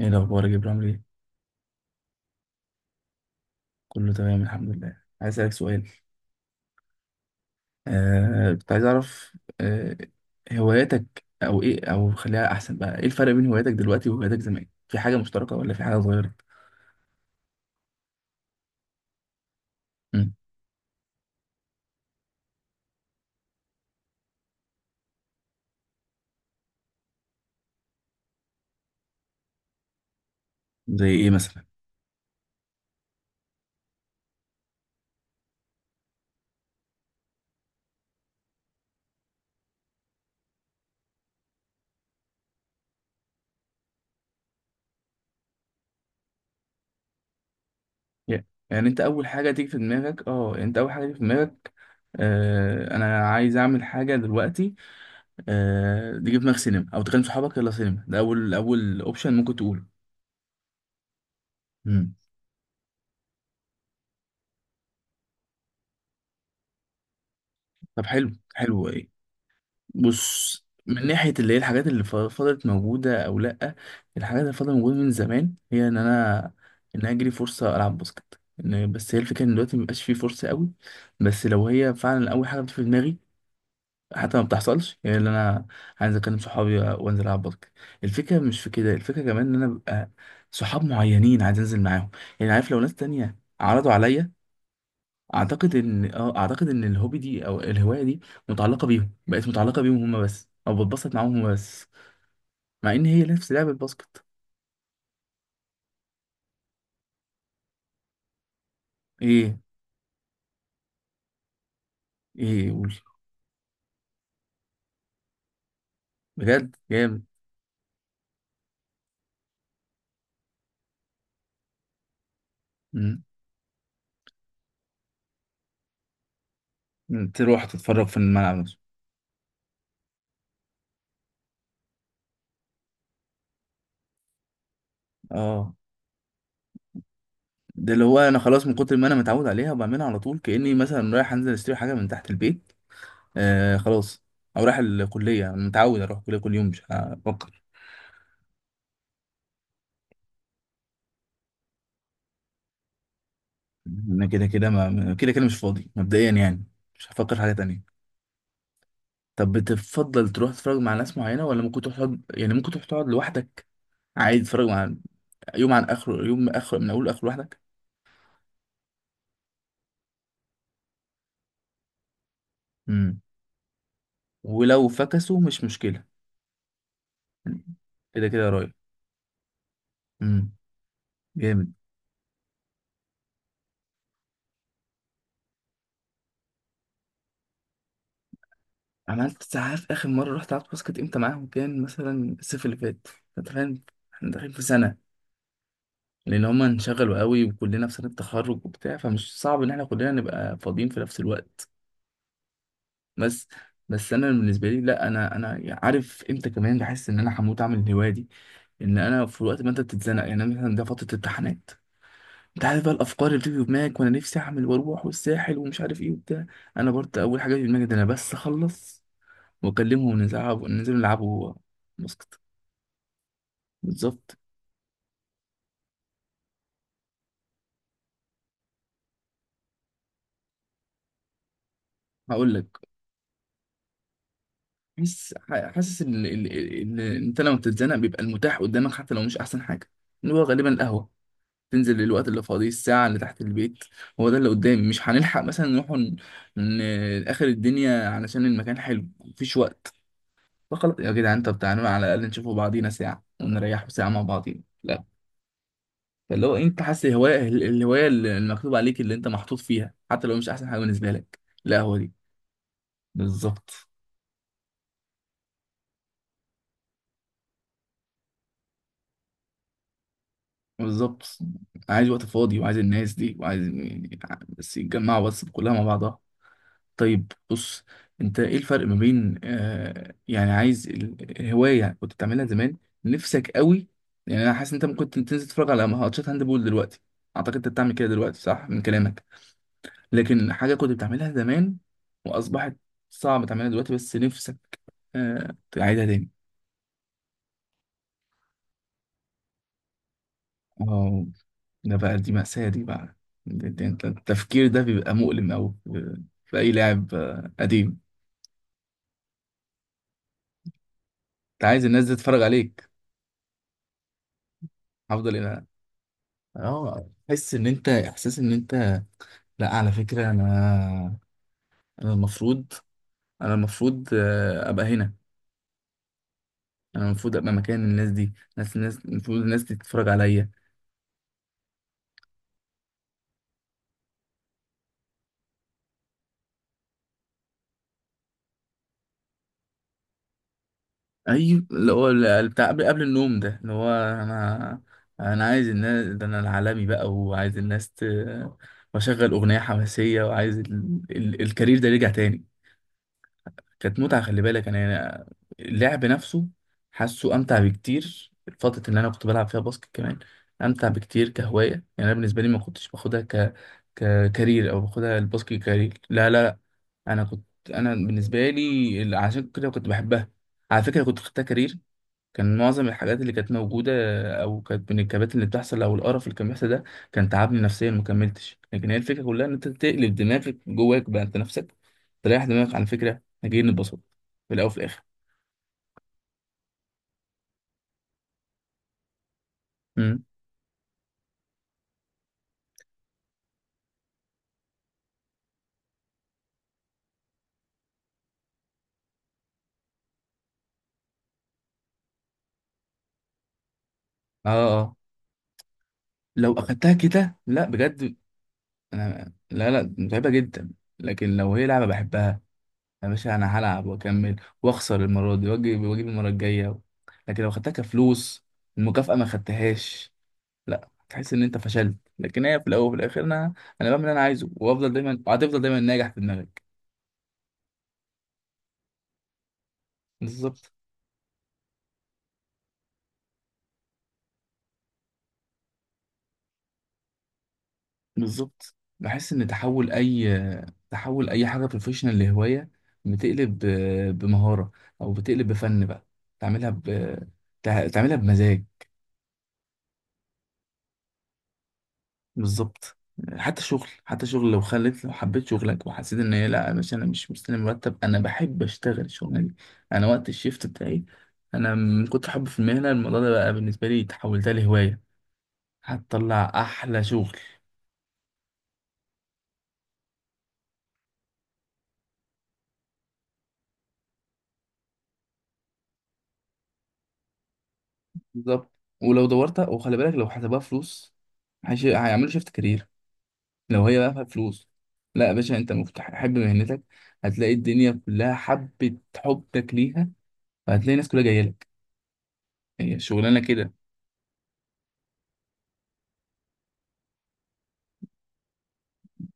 ايه الاخبار يا جبران، عامل ايه؟ كله تمام الحمد لله. عايز اسالك سؤال. كنت عايز اعرف. آه هواياتك او ايه او خليها احسن بقى. ايه الفرق بين هواياتك دلوقتي وهواياتك زمان، في حاجه مشتركه ولا في حاجه اتغيرت؟ مم. زي ايه مثلا؟ يا- يعني انت اول حاجه تيجي في دماغك يعني انت اول حاجه تيجي في دماغك. انا عايز اعمل حاجه دلوقتي. تيجي في دماغك سينما او تكلم صحابك يلا سينما، ده اول اوبشن ممكن تقوله. مم. طب حلو حلو. بص، من ناحية اللي هي الحاجات اللي فضلت موجودة أو لأ. الحاجات اللي فضلت موجودة من زمان، هي إن أنا أجري فرصة ألعب باسكت. إن بس هي الفكرة إن دلوقتي مبقاش فيه فرصة قوي، بس لو هي فعلا أول حاجة بتيجي في دماغي، حتى ما بتحصلش هي اللي أنا عايز أكلم صحابي وأنزل ألعب باسكت. الفكرة مش في كده، الفكرة كمان إن أنا ببقى صحاب معينين عايز أنزل معاهم. يعني عارف لو ناس تانية عرضوا عليا، اعتقد ان الهوبي دي او الهوايه دي متعلقه بيهم، هما بس، او بتبسط معاهم هما بس، مع ان هي نفس لعبه الباسكت. ايه؟ ايه قول. بجد جامد. مم. تروح تتفرج في الملعب نفسه؟ اه، ده اللي هو انا خلاص من كتر ما انا متعود عليها وبعملها على طول، كاني مثلا رايح انزل اشتري حاجه من تحت البيت. خلاص. او رايح الكليه، انا متعود اروح الكليه كل يوم، مش هفكر. انا كده كده ما كده كده مش فاضي مبدئيا يعني، مش هفكر في حاجه تانية. طب، بتفضل تروح تتفرج مع ناس معينة ولا ممكن تروح تقعد، يعني ممكن تروح تقعد لوحدك عادي؟ تتفرج مع يوم عن آخره، يوم من آخره، من أول لآخره لوحدك؟ امم. ولو فكسوا مش مشكلة. كده كده رايح. امم. جامد. عملت ساعات آخر مرة رحت لعبت باسكت امتى معاهم؟ كان مثلا الصيف اللي فات. انت فاهم احنا داخلين في سنة، لأن هما انشغلوا قوي وكلنا في سنة تخرج وبتاع، فمش صعب إن احنا كلنا نبقى فاضيين في نفس الوقت. بس، بس انا بالنسبه لي لا، انا عارف امتى. كمان بحس ان انا هموت اعمل الهوايه دي، ان انا في وقت ما انت بتتزنق يعني. أنا مثلا ده فتره امتحانات، انت عارف بقى الافكار اللي بتيجي في دماغك، وانا نفسي اعمل واروح والساحل ومش عارف ايه وبتاع. انا برضه اول حاجه في دماغي ده، انا بس اخلص واكلمهم ننزل نلعبوا باسكت. بالظبط. هقول لك. بس حاسس ان إن انت لما بتتزنق بيبقى المتاح قدامك حتى لو مش احسن حاجه، اللي هو غالبا القهوه. تنزل الوقت اللي فاضيه الساعة اللي تحت البيت، هو ده اللي قدامي. مش هنلحق مثلا نروح آخر الدنيا علشان المكان حلو مفيش وقت. فخلاص يا جدعان، طب تعالوا على الأقل نشوفوا بعضينا ساعة ونريحوا ساعة مع بعضينا، لا. فاللي هو أنت حاسس الهواية الهواية اللي المكتوب عليك اللي أنت محطوط فيها، حتى لو مش أحسن حاجة بالنسبة لك، لا هو دي. بالظبط. بالظبط. عايز وقت فاضي وعايز الناس دي وعايز يعني، بس يتجمعوا بس كلها مع بعضها. طيب بص، انت ايه الفرق ما بين يعني عايز الهواية كنت بتعملها زمان نفسك قوي؟ يعني انا حاسس ان انت ممكن تنزل تتفرج على ماتشات هاندبول دلوقتي، اعتقد انت بتعمل كده دلوقتي صح من كلامك. لكن حاجة كنت بتعملها زمان واصبحت صعب تعملها دلوقتي بس نفسك تعيدها تاني. اه. ده بقى، دي مأساة دي بقى. دي انت التفكير ده بيبقى مؤلم قوي في اي لاعب قديم. انت عايز الناس دي تتفرج عليك. هفضل. اه تحس ان انت، احساس ان انت، لا على فكره انا، انا المفروض انا المفروض ابقى هنا. انا المفروض ابقى مكان الناس دي، ناس الناس المفروض الناس دي تتفرج عليا. اي اللي هو بتاع قبل النوم، ده اللي هو انا، انا عايز الناس ده، انا العالمي بقى، وعايز الناس واشغل اغنيه حماسيه وعايز الكارير ده يرجع تاني. كانت متعة، خلي بالك، أنا اللعب نفسه حاسه أمتع بكتير، الفترة اللي أنا كنت بلعب فيها باسكت كمان أمتع بكتير كهواية. يعني أنا بالنسبة لي ما كنتش باخدها ككارير، أو باخدها الباسكت كارير، لا لا لا. أنا كنت، أنا بالنسبة لي عشان كده كنت بحبها. على فكرة كنت خدتها كارير، كان معظم الحاجات اللي كانت موجودة أو كانت من الكبات اللي بتحصل أو القرف اللي كان بيحصل ده كان تعبني نفسيا، مكملتش. لكن هي الفكرة كلها إن أنت تقلب دماغك جواك بقى أنت نفسك، تريح دماغك عن فكرة إحنا جايين نتبسط في الأول وفي الآخر. امم. آه. آه، لو أخدتها كده لا، بجد. أنا لا لا، متعبة جدا. لكن لو هي لعبة بحبها، يا باشا أنا هلعب وأكمل وأخسر المرة دي وأجيب المرة الجاية. لكن لو أخدتها كفلوس، المكافأة ما خدتهاش، لا تحس ان انت فشلت. لكن هي في الاول وفي الاخر انا، انا بعمل اللي انا عايزه وافضل دايما، وهتفضل دايما ناجح في دماغك. بالظبط. بالظبط بحس ان تحول اي، حاجه بروفيشنال لهوايه، بتقلب بمهاره او بتقلب بفن بقى، تعملها تعملها بمزاج. بالظبط. حتى شغل، لو خليت لو حبيت شغلك وحسيت ان هي لا مش، انا مش مستني مرتب، انا بحب اشتغل الشغلانه دي. انا وقت الشيفت بتاعي، انا من كتر حب في المهنه الموضوع ده بقى بالنسبه لي تحولتها لهوايه، هتطلع احلى شغل. بالظبط. ولو دورت وخلي بالك لو حسبها فلوس، هيعملوا شيفت كارير لو هي بقى فيها فلوس. لا يا باشا، انت مفتح حب مهنتك، هتلاقي الدنيا كلها حبت، حبك ليها، فهتلاقي الناس كلها جايه لك. هي الشغلانه كده.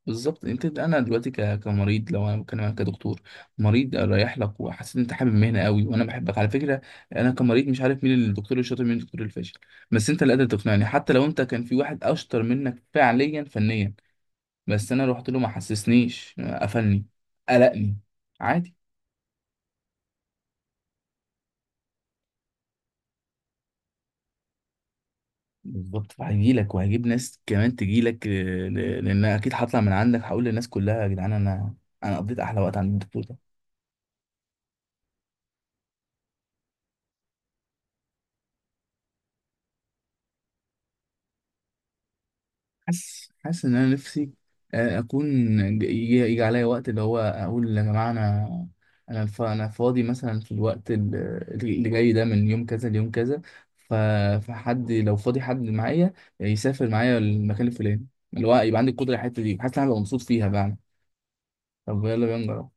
بالظبط، انت انا دلوقتي كمريض، لو انا بتكلم عنك كدكتور، مريض رايح لك وحسيت ان انت حابب المهنه قوي، وانا بحبك على فكره، انا كمريض مش عارف مين الدكتور الشاطر مين الدكتور الفاشل، بس انت اللي قادر تقنعني. حتى لو انت كان في واحد اشطر منك فعليا فنيا، بس انا رحت له ما حسسنيش، قفلني، قلقني، عادي. بالظبط. هيجي لك وهجيب ناس كمان تجي لك، لان اكيد هطلع من عندك هقول للناس كلها يا جدعان، انا قضيت احلى وقت عند الدكتور ده. حاسس ان انا نفسي اكون، يجي عليا وقت اللي هو اقول يا جماعه انا، انا انا فاضي مثلا في الوقت اللي جاي ده من يوم كذا ليوم كذا، ف- فحد لو فاضي حد معايا، يسافر معايا المكان الفلاني، اللي هو يبقى عندي القدره على الحته دي، حاسس ان انا هبقى مبسوط فيها بقى. طب يلا بينا نجرب.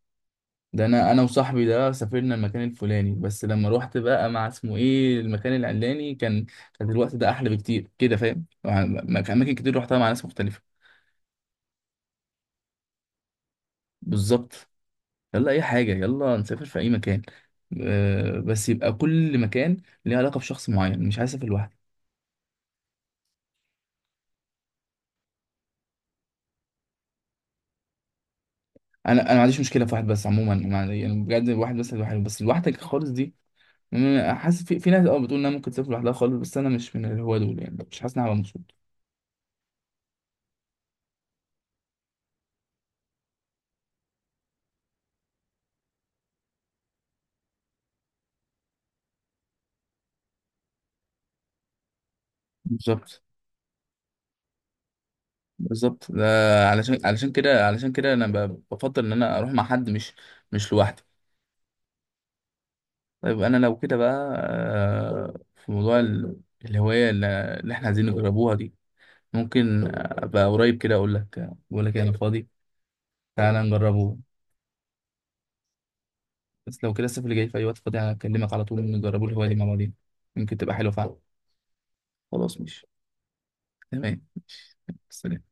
ده انا، انا وصاحبي ده سافرنا المكان الفلاني، بس لما روحت بقى مع اسمه ايه المكان العلاني، كان، كان الوقت ده احلى بكتير كده، فاهم؟ اماكن كتير روحتها مع ناس مختلفه. بالظبط. يلا اي حاجه، يلا نسافر في اي مكان، بس يبقى كل مكان ليه علاقه بشخص معين، مش عايز اسافر لوحدي. انا ما عنديش مشكله في واحد بس عموما، ما- يعني بجد واحد بس لوحده، بس لوحدك خالص دي، مم، حاسس في ناس اه بتقول انها ممكن تسافر لوحدها خالص، بس انا مش من اللي هو دول يعني، مش حاسس اني هبقى مبسوط. بالظبط. ده علشان، علشان كده انا بفضل ان انا اروح مع حد، مش لوحدي. طيب انا لو كده بقى في موضوع الهوايه اللي احنا عايزين نجربوها دي، ممكن ابقى قريب كده اقول لك، بقول لك انا فاضي، تعالى نجربه. بس لو كده الصيف اللي جاي في اي وقت فاضي هكلمك على طول، نجربوا الهوايه دي مع بعضين، يمكن تبقى حلوه فعلا. خلاص ماشي. تمام. سلام.